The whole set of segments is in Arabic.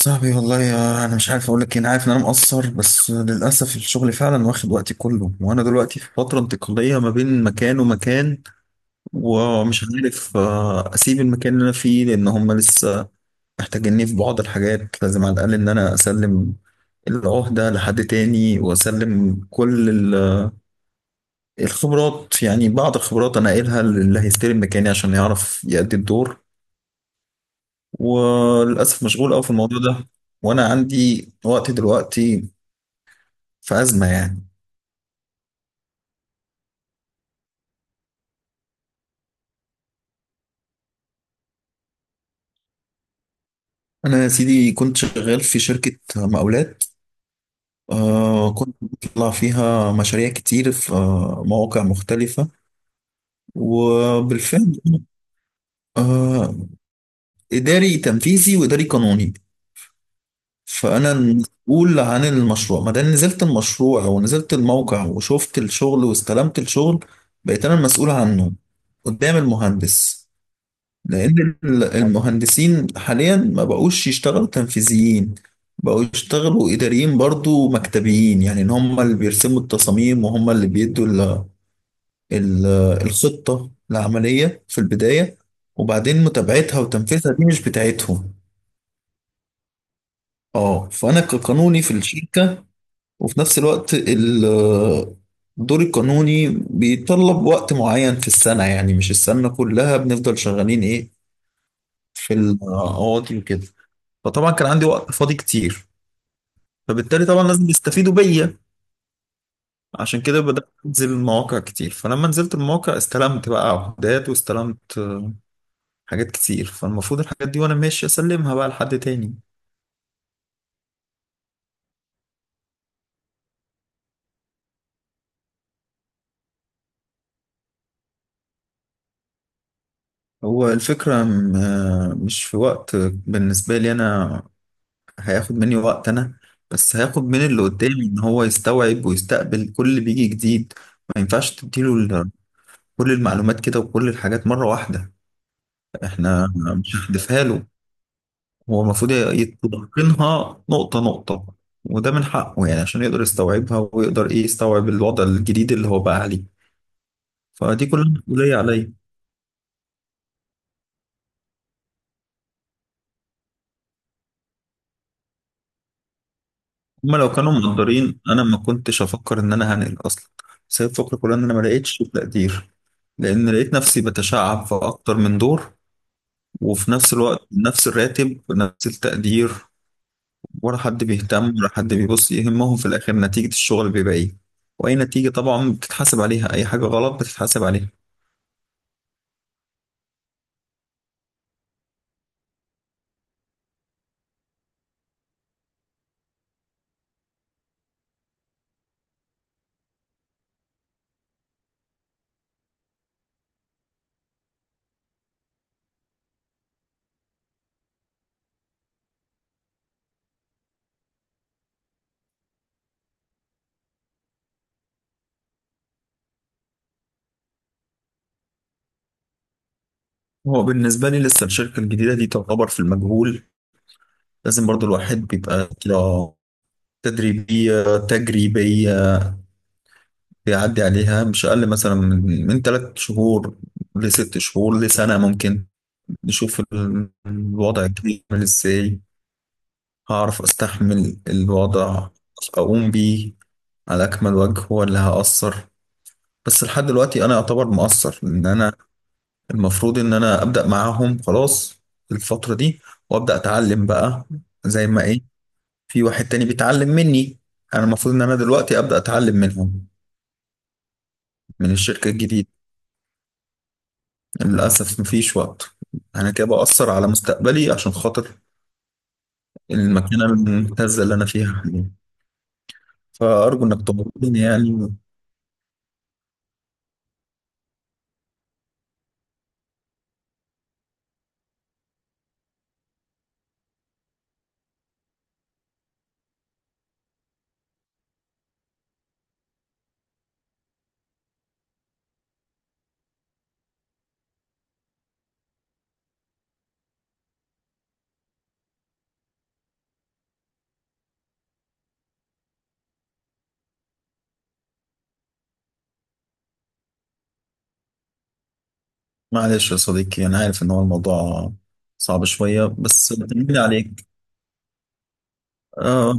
صاحبي، والله، يا انا مش عارف اقول لك إيه. انا عارف ان انا مقصر، بس للاسف الشغل فعلا واخد وقتي كله، وانا دلوقتي في فتره انتقاليه ما بين مكان ومكان، ومش عارف اسيب المكان اللي انا فيه لان هم لسه محتاجيني في بعض الحاجات. لازم على الاقل ان انا اسلم العهده لحد تاني، واسلم كل الخبرات، يعني بعض الخبرات انا قايلها للي هيستلم مكاني عشان يعرف يأدي الدور. وللاسف مشغول قوي في الموضوع ده، وانا عندي وقت دلوقتي في أزمة يعني. أنا يا سيدي كنت شغال في شركة مقاولات. كنت بطلع فيها مشاريع كتير في مواقع مختلفة. وبالفعل آه إداري تنفيذي وإداري قانوني. فأنا المسؤول عن المشروع ما دام نزلت المشروع ونزلت الموقع وشفت الشغل واستلمت الشغل، بقيت أنا المسؤول عنه قدام المهندس. لأن المهندسين حاليا ما بقوش يشتغلوا تنفيذيين، بقوا يشتغلوا إداريين برضو مكتبيين، يعني إن هم اللي بيرسموا التصاميم، وهم اللي بيدوا ال- الخطة العملية في البداية، وبعدين متابعتها وتنفيذها دي مش بتاعتهم. اه، فأنا كقانوني في الشركة، وفي نفس الوقت الدور القانوني بيتطلب وقت معين في السنة، يعني مش السنة كلها بنفضل شغالين ايه، في القواضي وكده. فطبعا كان عندي وقت فاضي كتير، فبالتالي طبعا لازم يستفيدوا بيا. عشان كده بدأت أنزل مواقع كتير، فلما نزلت المواقع استلمت بقى عقودات، واستلمت حاجات كتير. فالمفروض الحاجات دي وأنا ماشي أسلمها بقى لحد تاني. هو الفكرة مش في وقت بالنسبة لي أنا، هياخد مني وقت أنا، بس هياخد من اللي قدامي إن هو يستوعب ويستقبل كل اللي بيجي جديد. ما ينفعش تديله كل المعلومات كده وكل الحاجات مرة واحدة، احنا مش هندفها له. هو المفروض يتقنها نقطة نقطة، وده من حقه يعني عشان يقدر يستوعبها ويقدر ايه يستوعب الوضع الجديد اللي هو بقى عليه. فدي كلها مسؤولية عليا. هما لو كانوا مقدرين انا ما كنتش افكر ان انا هنقل اصلا، بس هي الفكرة كلها ان انا ما لقيتش تقدير، لان لقيت نفسي بتشعب في اكتر من دور، وفي نفس الوقت نفس الراتب ونفس التقدير، ولا حد بيهتم، ولا حد بيبص. يهمهم في الاخر نتيجة الشغل بيبقى ايه، واي نتيجة طبعا بتتحاسب عليها، اي حاجة غلط بتتحاسب عليها. هو بالنسبة لي لسه الشركة الجديدة دي تعتبر في المجهول. لازم برضو الواحد بيبقى كده تدريبية تجريبية، بيعدي عليها مش أقل مثلا من 3 شهور لست شهور لسنة ممكن، نشوف الوضع الجديد عامل ازاي. هعرف استحمل الوضع اقوم بيه على اكمل وجه ولا هأثر. بس لحد دلوقتي انا اعتبر مقصر، ان انا المفروض ان انا ابدا معاهم خلاص في الفتره دي، وابدا اتعلم بقى، زي ما ايه، في واحد تاني بيتعلم مني، انا المفروض ان انا دلوقتي ابدا اتعلم منهم من الشركه الجديده. للاسف مفيش وقت، انا كده باثر على مستقبلي عشان خاطر المكانه الممتازه اللي انا فيها حاليا. فارجو انك تطمني يعني. معلش يا صديقي، انا عارف ان هو الموضوع صعب شويه، بس بتمني عليك آه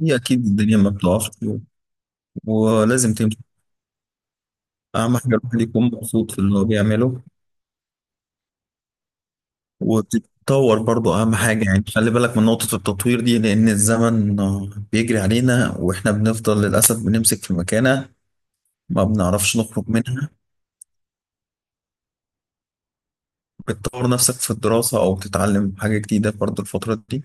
هي اكيد الدنيا ما بتقفش ولازم. اهم حاجه الواحد يكون مبسوط في اللي هو بيعمله، وبتتطور برضه اهم حاجه يعني، خلي بالك من نقطه التطوير دي، لان الزمن بيجري علينا، واحنا بنفضل للاسف بنمسك في مكانه ما بنعرفش نخرج منها. بتطور نفسك في الدراسه او بتتعلم حاجه جديده برضه الفتره دي.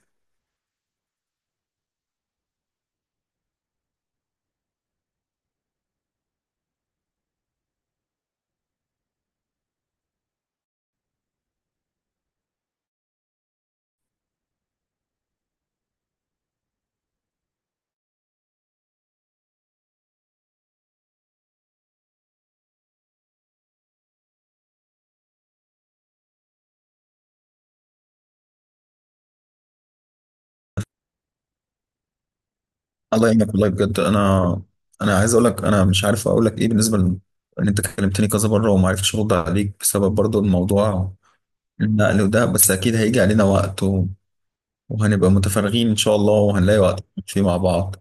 الله يعينك، والله بجد انا، انا عايز اقول لك، انا مش عارف اقول لك ايه بالنسبه ان انت كلمتني كذا مره وما عرفتش ارد عليك بسبب برضه الموضوع، النقل وده. بس اكيد هيجي علينا وقت وهنبقى متفرغين إن شاء الله، وهنلاقي وقت فيه مع بعض.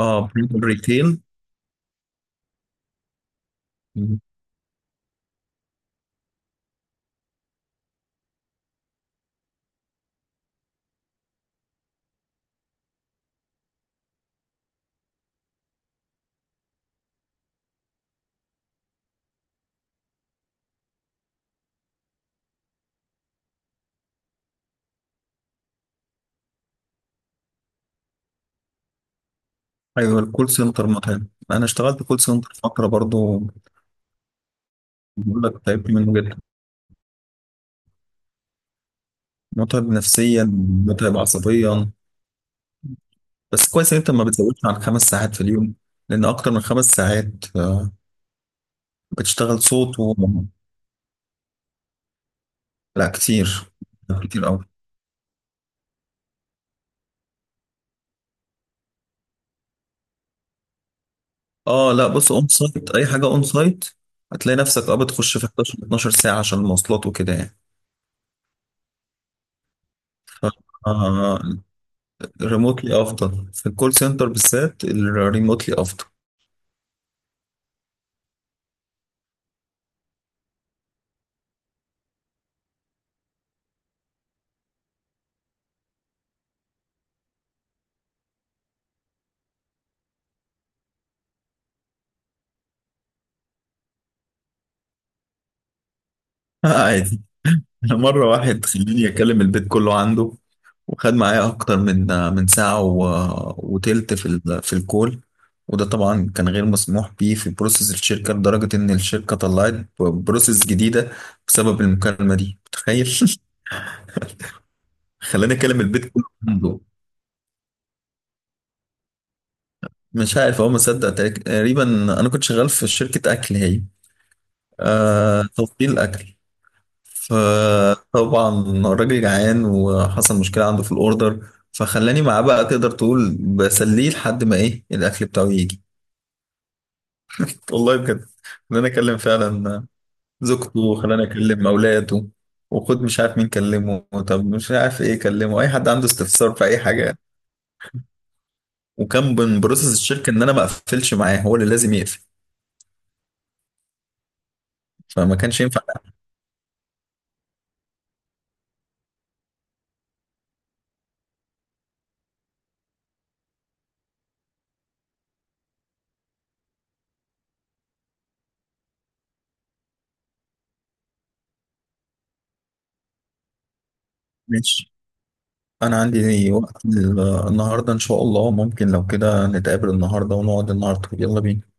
اه، برينتال ريتيل. أيوة الكول سنتر متعب، أنا اشتغلت كول سنتر فترة برضو، بقول لك تعبت منه جدا. متعب نفسيا، متعب عصبيا. بس كويس إن أنت ما بتزودش عن 5 ساعات في اليوم، لأن أكتر من 5 ساعات بتشتغل صوت لا، كتير، كتير أوي. اه، لا، بص، اون سايت اي حاجه اون سايت هتلاقي نفسك بتخش في 11 12 ساعه عشان المواصلات وكده يعني. ف آه ريموتلي افضل في الكول سنتر، بالذات الريموتلي افضل. عادي. انا مره واحد خليني اكلم البيت كله عنده، وخد معايا اكتر من ساعه و... وتلت في الكول. وده طبعا كان غير مسموح بيه في بروسيس الشركه، لدرجه ان الشركه طلعت بروسيس جديده بسبب المكالمه دي، متخيل؟ خلاني اكلم البيت كله عنده. مش عارف هو مصدق تقريبا. انا كنت شغال في شركه اكل، هي توصيل اكل، فطبعا الراجل جعان وحصل مشكلة عنده في الأوردر، فخلاني معاه بقى، تقدر تقول بسليه لحد ما إيه الأكل بتاعه يجي. والله بجد، خلاني أكلم فعلا زوجته، وخلاني أكلم أولاده، وخد مش عارف مين كلمه، طب مش عارف إيه كلمه، أي حد عنده استفسار في أي حاجة يعني. وكان من بروسس الشركة إن أنا ما أقفلش معاه، هو اللي لازم يقفل، فما كانش ينفع. ماشي، أنا عندي وقت النهاردة إن شاء الله. ممكن لو كده نتقابل النهاردة ونقعد النهاردة، يلا بينا.